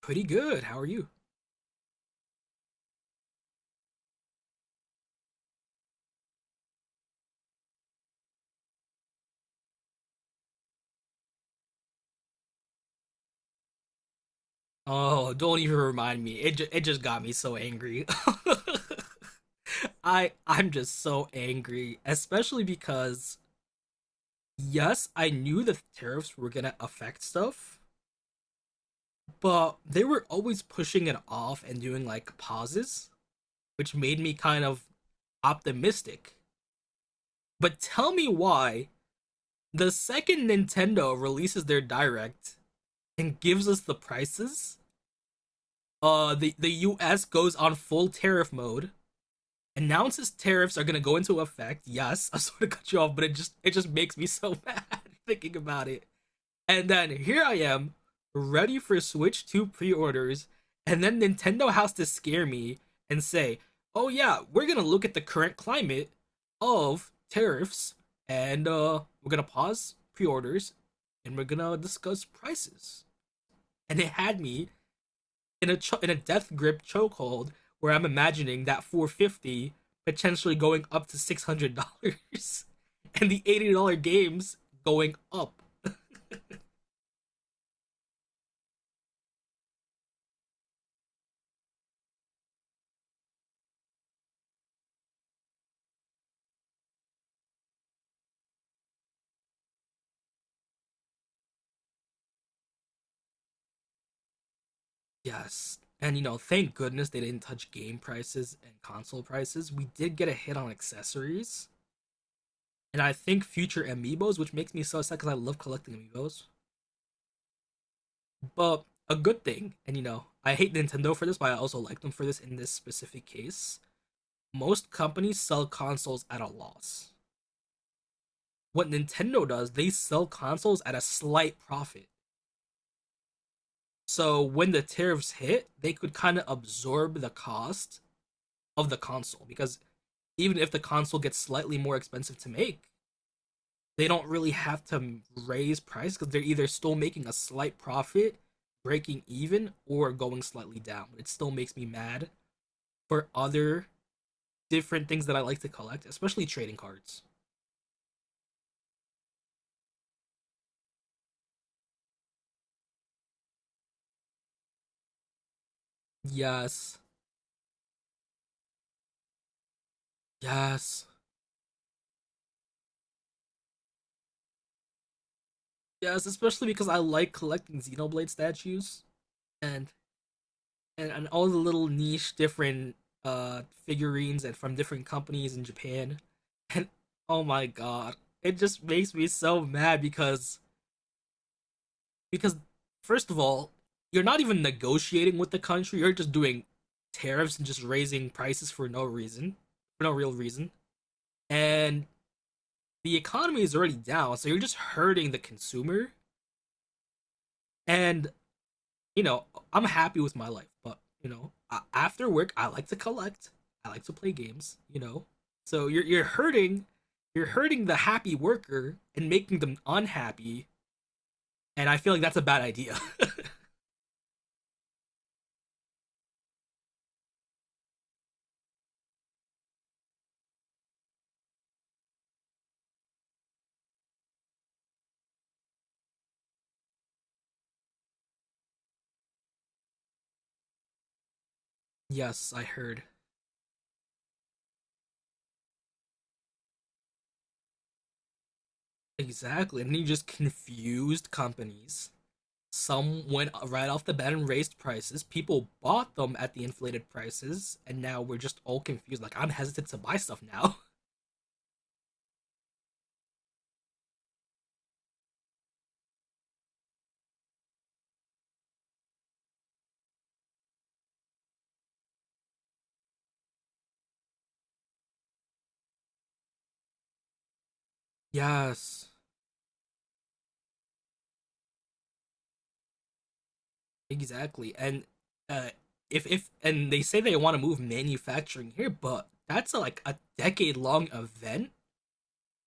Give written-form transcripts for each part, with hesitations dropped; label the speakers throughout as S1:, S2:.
S1: Pretty good. How are you? Oh, don't even remind me. It just got me so angry. I'm just so angry, especially because yes, I knew the tariffs were gonna affect stuff, but they were always pushing it off and doing like pauses, which made me kind of optimistic. But tell me why the second Nintendo releases their direct and gives us the prices, the US goes on full tariff mode, announces tariffs are gonna go into effect. Yes, I sort of cut you off, but it just makes me so mad thinking about it. And then here I am, ready for Switch 2 pre-orders, and then Nintendo has to scare me and say, "Oh yeah, we're gonna look at the current climate of tariffs, and we're gonna pause pre-orders, and we're gonna discuss prices." And it had me in a death grip chokehold where I'm imagining that 450 potentially going up to $600, and the $80 games going up. Yes. And you know, thank goodness they didn't touch game prices and console prices. We did get a hit on accessories and I think future amiibos, which makes me so sad because I love collecting amiibos. But a good thing, and you know, I hate Nintendo for this, but I also like them for this in this specific case. Most companies sell consoles at a loss. What Nintendo does, they sell consoles at a slight profit. So when the tariffs hit, they could kind of absorb the cost of the console because even if the console gets slightly more expensive to make, they don't really have to raise price because they're either still making a slight profit, breaking even, or going slightly down. It still makes me mad for other different things that I like to collect, especially trading cards. Yes, yes, yes, especially because I like collecting Xenoblade statues. And and all the little niche different uh figurines and from different companies in Japan. And oh my god, it just makes me so mad because because first of all, you're not even negotiating with the country, you're just doing tariffs and just raising prices for no reason, for no real reason. And the economy is already down, so you're just hurting the consumer. And you know, I'm happy with my life, but you know, after work, I like to collect. I like to play games. You know, so you're hurting the happy worker and making them unhappy. And I feel like that's a bad idea. Yes, I heard exactly. And you just confused companies. Some went right off the bat and raised prices. People bought them at the inflated prices, and now we're just all confused. Like I'm hesitant to buy stuff now. Yes, exactly. And uh if and they say they want to move manufacturing here, but that's a, like a decade long event.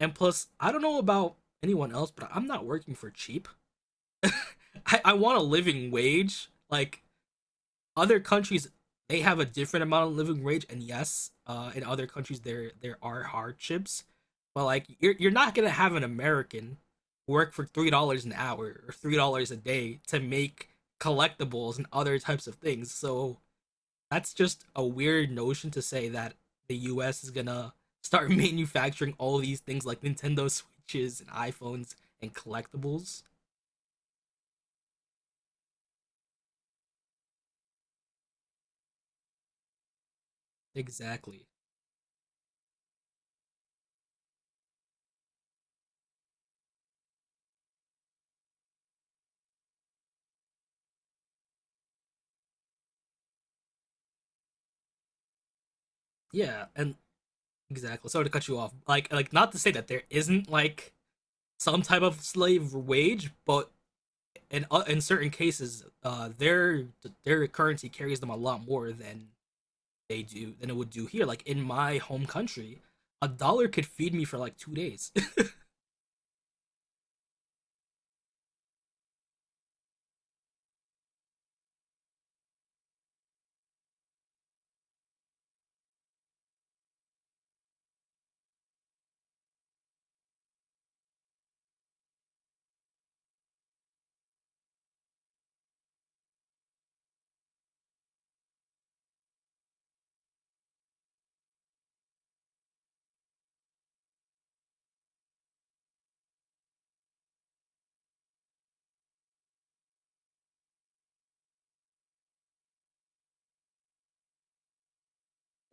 S1: And plus, I don't know about anyone else, but I'm not working for cheap. I want a living wage. Like other countries, they have a different amount of living wage, and yes, in other countries there are hardships, but like you're not gonna have an American work for $3 an hour or $3 a day to make collectibles and other types of things. So that's just a weird notion to say that the US is gonna start manufacturing all these things like Nintendo Switches and iPhones and collectibles. Exactly. Yeah, and exactly. Sorry to cut you off. Like not to say that there isn't like some type of slave wage, but in certain cases, their currency carries them a lot more than they do than it would do here. Like in my home country, a dollar could feed me for like 2 days.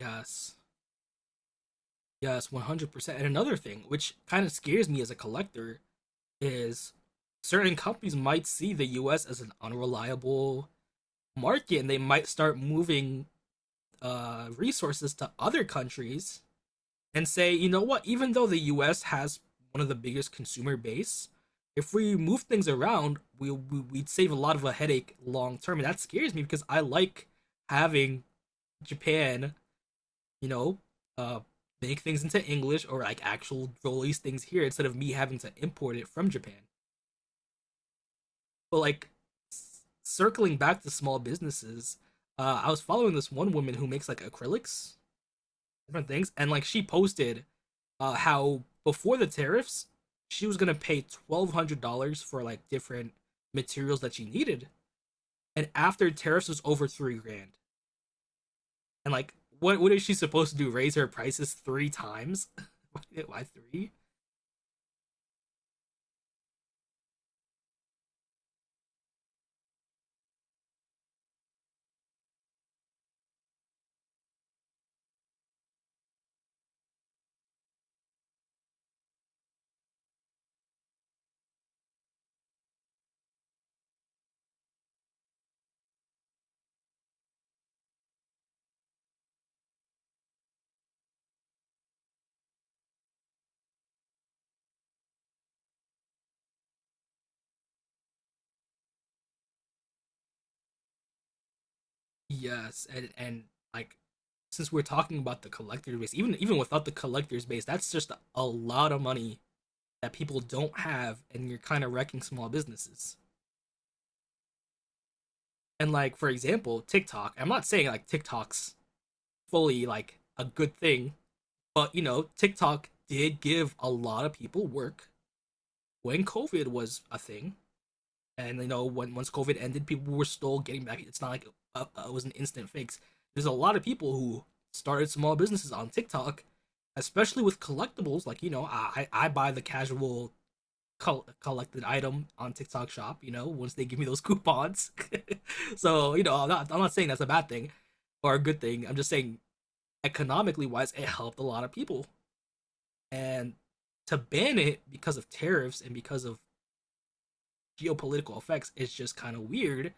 S1: Yes, yes, 100%. And another thing, which kind of scares me as a collector, is certain companies might see the US as an unreliable market and they might start moving resources to other countries and say, you know what, even though the US has one of the biggest consumer base, if we move things around, we'd save a lot of a headache long term. And that scares me because I like having Japan, you know, uh, make things into English or like actual release things here instead of me having to import it from Japan. But like circling back to small businesses, I was following this one woman who makes like acrylics, different things, and like she posted how before the tariffs, she was gonna pay $1,200 for like different materials that she needed, and after tariffs was over 3 grand, and like what is she supposed to do? Raise her prices three times? Why three? Yes, and like since we're talking about the collector base, even without the collector's base, that's just a lot of money that people don't have, and you're kind of wrecking small businesses. And like for example, TikTok. I'm not saying like TikTok's fully like a good thing, but you know, TikTok did give a lot of people work when COVID was a thing, and you know when once COVID ended, people were still getting back. It's not like it was an instant fix. There's a lot of people who started small businesses on TikTok, especially with collectibles. Like you know, I buy the casual collected item on TikTok Shop. You know, once they give me those coupons. So you know, I'm not saying that's a bad thing or a good thing. I'm just saying economically wise, it helped a lot of people. And to ban it because of tariffs and because of geopolitical effects is just kind of weird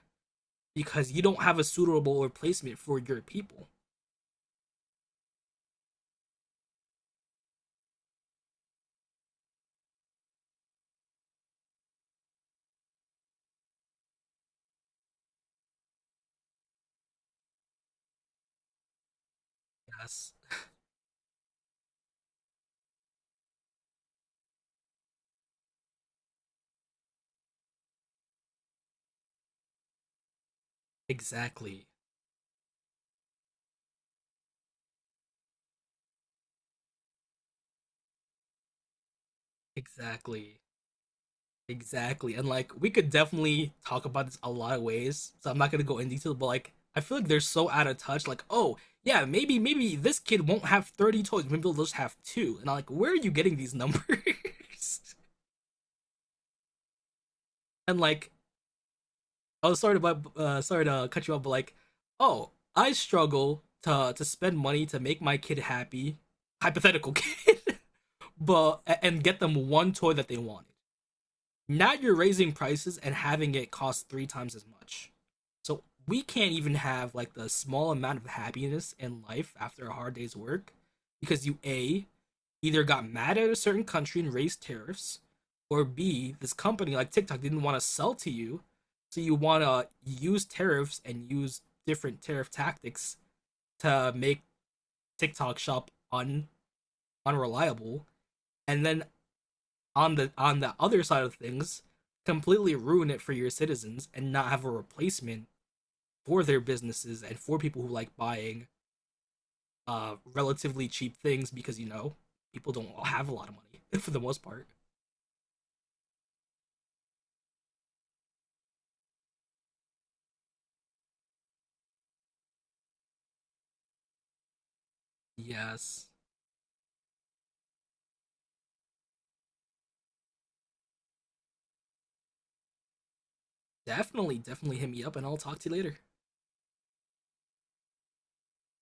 S1: because you don't have a suitable replacement for your people. Yes, exactly, exactly, exactly. And like we could definitely talk about this a lot of ways, so I'm not gonna go in detail. But like I feel like they're so out of touch. Like oh yeah, maybe this kid won't have 30 toys. Maybe they'll just have two. And I'm like, where are you getting these numbers? And like I was sorry to sorry to cut you off, but like oh I struggle to spend money to make my kid happy. Hypothetical kid. But and get them one toy that they wanted. Now you're raising prices and having it cost three times as much. So we can't even have like the small amount of happiness in life after a hard day's work because you a either got mad at a certain country and raised tariffs, or b this company like TikTok didn't want to sell to you, so you want to use tariffs and use different tariff tactics to make TikTok shop un unreliable. And then on the other side of things completely ruin it for your citizens and not have a replacement for their businesses and for people who like buying relatively cheap things because you know people don't have a lot of money for the most part. Yes, definitely hit me up and I'll talk to you later.